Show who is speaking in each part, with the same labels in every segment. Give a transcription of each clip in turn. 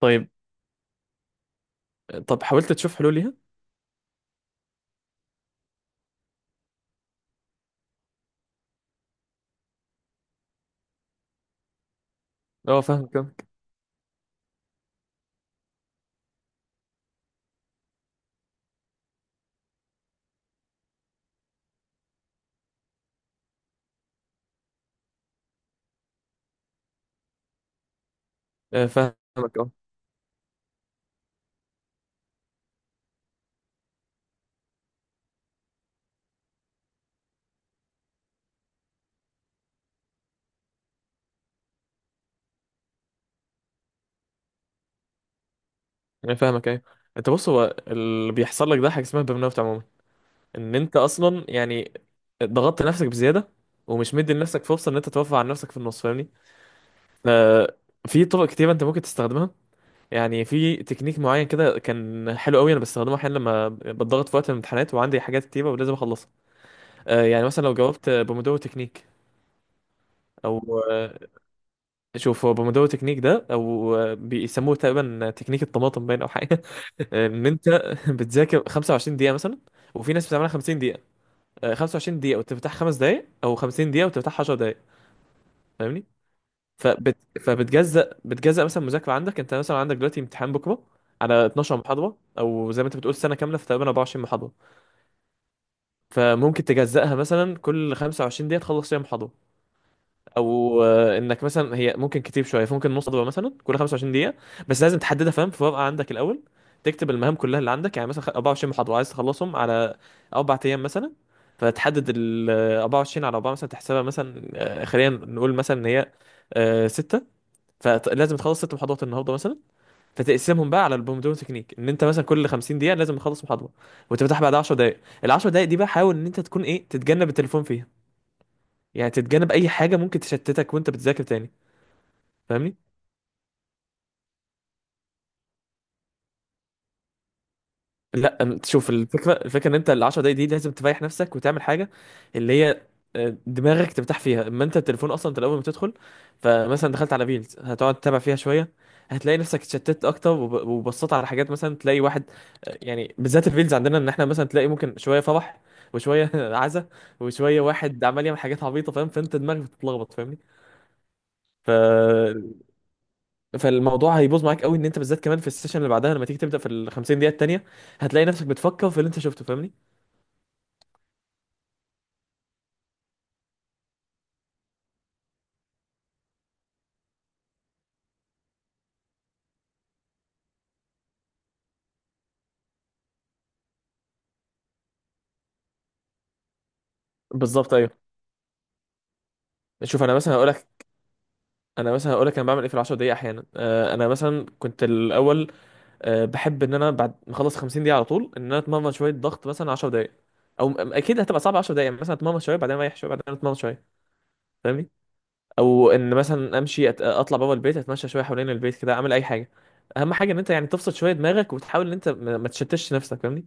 Speaker 1: طيب. طب حاولت تشوف حلول ليها؟ اه، فاهمك فاهمك. فاهمك اه. أنا فاهمك ايوه. انت بص، هو اللي بيحصل لك ده حاجه اسمها برن اوت عموما. ان انت اصلا يعني ضغطت نفسك بزياده، ومش مدي لنفسك فرصه ان انت توفر عن نفسك في النص، فاهمني؟ آه، في طرق كتير انت ممكن تستخدمها. يعني في تكنيك معين كده كان حلو قوي، انا بستخدمه احيانا لما بتضغط في وقت الامتحانات وعندي حاجات كتيره ولازم اخلصها. يعني مثلا لو جاوبت بومودورو تكنيك، او شوف، هو بومودورو تكنيك ده او بيسموه تقريبا تكنيك الطماطم باين او حاجه. ان انت بتذاكر 25 دقيقه مثلا، وفي ناس بتعملها 50 دقيقه. 25 دقيقه وتفتح 5 دقائق، او 50 دقيقه وتفتح 10 دقائق، فاهمني. فبتجزأ مثلا مذاكره عندك، انت مثلا عندك دلوقتي امتحان بكره على 12 محاضره، او زي ما انت بتقول سنه كامله في تقريبا 24 محاضره. فممكن تجزأها مثلا كل 25 دقيقه تخلص فيها محاضره، او انك مثلا، هي ممكن كتير شويه، ممكن نص خطوه مثلا كل 25 دقيقه. بس لازم تحددها فاهم، في ورقه عندك الاول تكتب المهام كلها اللي عندك. يعني مثلا 24 محاضره عايز تخلصهم على 4 ايام مثلا، فتحدد ال 24 على 4 مثلا، تحسبها مثلا، خلينا نقول مثلا ان هي 6. فلازم تخلص 6 محاضرات النهارده مثلا، فتقسمهم بقى على البومودورو تكنيك ان انت مثلا كل 50 دقيقه لازم تخلص محاضره، وتفتح بعد 10 دقائق. ال 10 دقائق دي بقى حاول ان انت تكون ايه، تتجنب التليفون فيها. يعني تتجنب اي حاجه ممكن تشتتك وانت بتذاكر تاني، فاهمني. لا شوف، الفكره ان انت ال 10 دقايق دي لازم تريح نفسك وتعمل حاجه اللي هي دماغك ترتاح فيها. اما انت التليفون، اصلا انت الاول ما تدخل، فمثلا دخلت على ريلز، هتقعد تتابع فيها شويه، هتلاقي نفسك اتشتت اكتر وبصيت على حاجات، مثلا تلاقي واحد، يعني بالذات الريلز عندنا ان احنا مثلا تلاقي ممكن شويه فرح وشويه عزا، وشويه واحد عمال يعمل حاجات عبيطه، فاهم، فانت دماغك بتتلخبط فاهمني. فالموضوع هيبوظ معاك قوي ان انت بالذات، كمان في السيشن اللي بعدها لما تيجي تبدا في ال 50 دقيقه التانيه، هتلاقي نفسك بتفكر في اللي انت شفته، فاهمني. بالظبط ايوه. شوف انا مثلا هقول لك، انا بعمل ايه في ال 10 دقائق احيانا. انا مثلا كنت الاول، بحب ان انا بعد ما اخلص 50 دقيقه على طول ان انا اتمرن شويه ضغط مثلا 10 دقائق، او اكيد هتبقى صعبه 10 دقائق. مثلا اتمرن شويه، بعدين اريح شويه، بعدين اتمرن شويه، فاهمني. او ان مثلا امشي، اطلع بابا البيت، اتمشى شويه حوالين البيت كده، اعمل اي حاجه. اهم حاجه ان انت يعني تفصل شويه دماغك، وتحاول ان انت ما تشتتش نفسك فاهمني.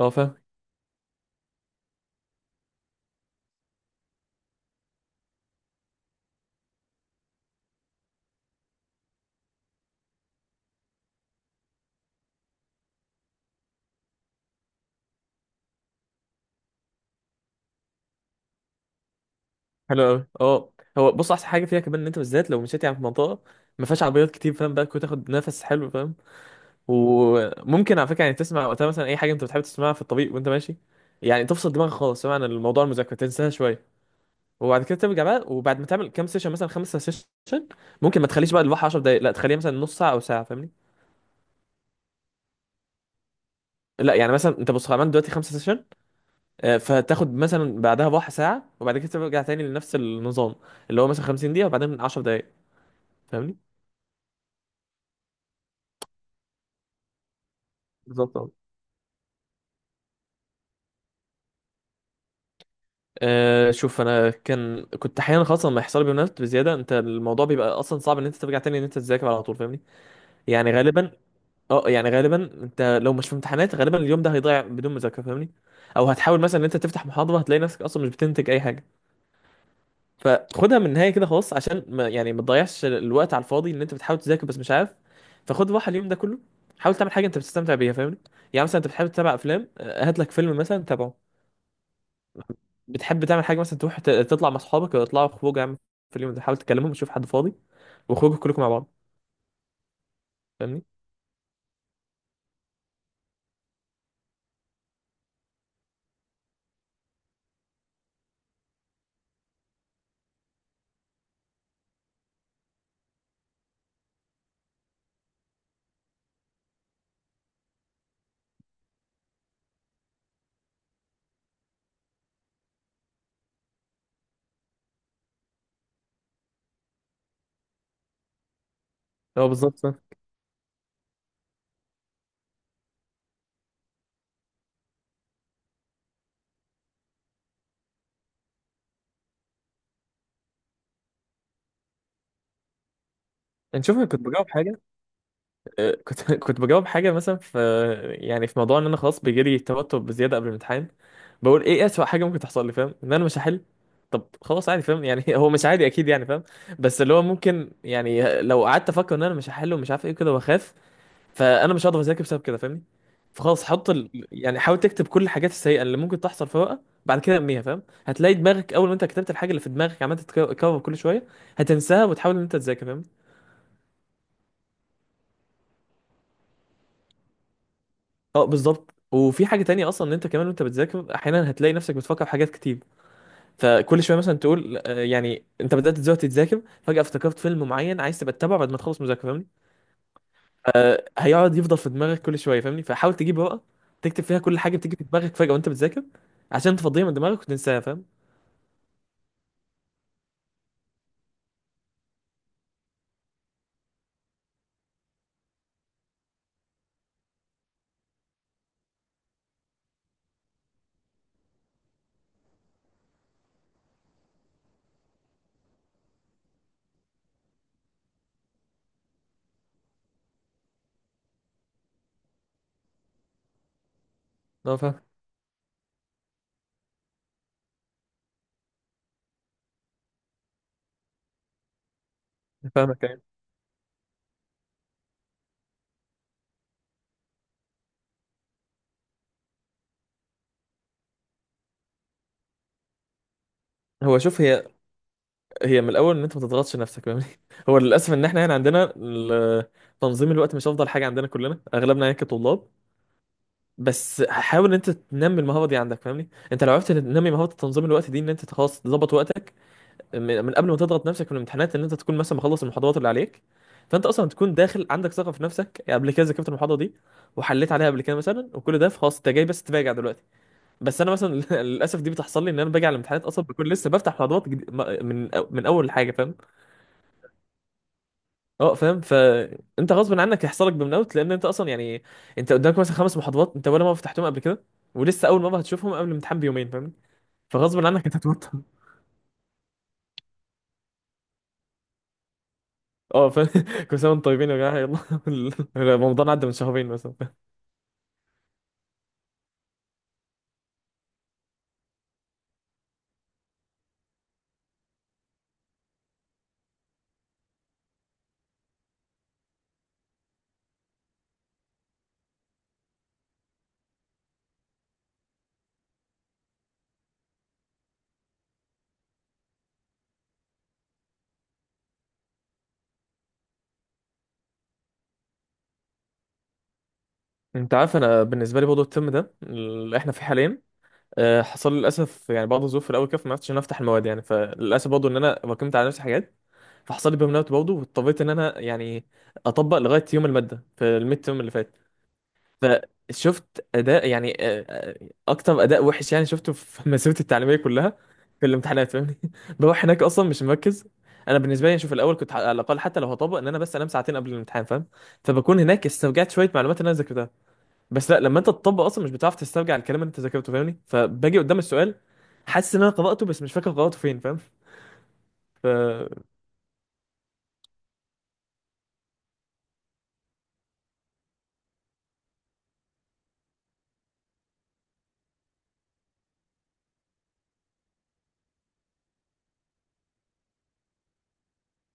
Speaker 1: اه فاهم، حلو قوي اه. هو بص، احسن حاجه فيها كمان ان انت بالذات لو مشيت يعني في منطقه ما فيهاش عربيات كتير، فاهم بقى، كنت تاخد نفس حلو فاهم. وممكن على فكره يعني تسمع وقتها مثلا اي حاجه انت بتحب تسمعها في الطريق وانت ماشي. يعني تفصل دماغك خالص، سواء عن الموضوع، المذاكره تنساها شويه. وبعد كده ترجع بقى. وبعد ما تعمل كام سيشن مثلا 5 سيشن، ممكن ما تخليش بقى الواحد 10 دقايق، لا، تخليها مثلا نص ساعه او ساعه فاهمني. لا يعني مثلا، انت بص عملت دلوقتي 5 سيشن، فتاخد مثلا بعدها بواحد ساعه، وبعد كده ترجع تاني لنفس النظام اللي هو مثلا 50 دقيقه وبعدين 10 دقايق، فاهمني. بالظبط. شوف انا، كنت احيانا خاصه لما يحصل لي بيانات بزياده، انت الموضوع بيبقى اصلا صعب ان انت ترجع تاني ان انت تذاكر على طول فاهمني. يعني غالبا اه، يعني غالبا انت لو مش في امتحانات، غالبا اليوم ده هيضيع بدون مذاكره فاهمني. او هتحاول مثلا ان انت تفتح محاضره، هتلاقي نفسك اصلا مش بتنتج اي حاجه. فخدها من النهايه كده خلاص، عشان ما تضيعش الوقت على الفاضي ان انت بتحاول تذاكر بس مش عارف. فخد راحه اليوم ده كله، حاول تعمل حاجه انت بتستمتع بيها فاهمني. يعني مثلا انت بتحب تتابع افلام، هات لك فيلم مثلا تابعه. بتحب تعمل حاجه مثلا تروح تطلع مع اصحابك، ولا تطلعوا خروج عامه في اليوم ده، حاول تكلمهم تشوف حد فاضي واخرجوا كلكم مع بعض فاهمني. هو بالظبط فاهم. يعني شوف، أنا كنت بجاوب حاجه، كنت كنت بجاوب حاجه مثلا في، يعني في موضوع ان انا خلاص بيجيلي توتر بزياده قبل الامتحان. بقول، ايه اسوأ حاجه ممكن تحصل لي، فاهم؟ ان انا مش هحل. طب خلاص عادي فاهم يعني، هو مش عادي اكيد يعني فاهم، بس اللي هو ممكن يعني، لو قعدت افكر ان انا مش هحل ومش عارف ايه كده واخاف، فانا مش هقدر اذاكر بسبب كده فاهمني. فخلاص، يعني حاول تكتب كل الحاجات السيئه اللي ممكن تحصل في ورقه، بعد كده ارميها فاهم. هتلاقي دماغك اول ما انت كتبت الحاجه اللي في دماغك عمال تتكرر كل شويه، هتنساها وتحاول ان انت تذاكر فاهم. اه بالظبط. وفي حاجه تانية اصلا ان انت كمان وانت بتذاكر احيانا هتلاقي نفسك بتفكر في حاجات كتير. فكل شويه مثلا تقول، يعني انت بدات دلوقتي تذاكر فجاه افتكرت فيلم معين عايز تبقى تتابعه بعد ما تخلص مذاكره فاهمني. هيقعد يفضل في دماغك كل شويه فاهمني. فحاول تجيب ورقه، تكتب فيها كل حاجه بتيجي في دماغك فجاه وانت بتذاكر، عشان تفضيها من دماغك وتنساها فاهم. اه فاهم، فاهمك يعني. هو شوف، هي من الاول ان انت ما تضغطش نفسك فاهمني. هو للاسف ان احنا هنا عندنا تنظيم الوقت مش افضل حاجه عندنا كلنا، اغلبنا يعني كطلاب. بس حاول ان انت تنمي المهاره دي عندك فاهمني. انت لو عرفت تنمي مهاره تنظيم الوقت دي، ان انت خلاص تظبط وقتك من قبل ما تضغط نفسك في الامتحانات، ان انت تكون مثلا مخلص المحاضرات اللي عليك، فانت اصلا تكون داخل عندك ثقه في نفسك. يعني قبل كده ذاكرت المحاضره دي وحليت عليها قبل كده مثلا، وكل ده خلاص، انت جاي بس تراجع دلوقتي. بس انا مثلا للاسف دي بتحصل لي، ان انا باجي على الامتحانات اصلا بكون لسه بفتح موضوعات جديد، من اول حاجه فاهم. اه فاهم. فانت غصب عنك هيحصل لك برن اوت، لان انت اصلا يعني انت قدامك مثلا 5 محاضرات انت ولا مره فتحتهم قبل كده، ولسه اول مره هتشوفهم قبل الامتحان بيومين فاهم، فغصب عنك انت هتوتر. اه فاهم. كل سنه وانتم طيبين يا جماعه يلا. رمضان عدى من شهرين مثلا. انت عارف، انا بالنسبه لي برضه الترم ده اللي احنا فيه حاليا، حصل لي للاسف يعني بعض الظروف في الاول كده، فما عرفتش ان أنا افتح المواد يعني، فللاسف برضه ان انا راكمت على نفسي حاجات، فحصل لي برن اوت برضه، واضطريت ان انا يعني اطبق لغايه يوم الماده في الميد تيرم اللي فات. فشفت اداء يعني، اكتر اداء وحش يعني شفته في مسيرتي التعليميه كلها، في الامتحانات فاهمني. بروح هناك اصلا مش مركز. انا بالنسبه لي يعني، شوف، الاول كنت على الاقل حتى لو هطبق ان انا بس انام ساعتين قبل الامتحان فاهم، فبكون هناك استرجعت شويه معلومات اللي انا ذاكرتها. بس لا، لما انت تطبق اصلا مش بتعرف تسترجع الكلام اللي انت ذاكرته فاهمني. فباجي قدام السؤال حاسس ان انا قراته، بس مش فاكر قراته فين فاهم. ف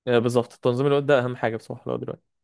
Speaker 1: آه، بالظبط، تنظيم الوقت ده اهم حاجه بصراحه لو دلوقتي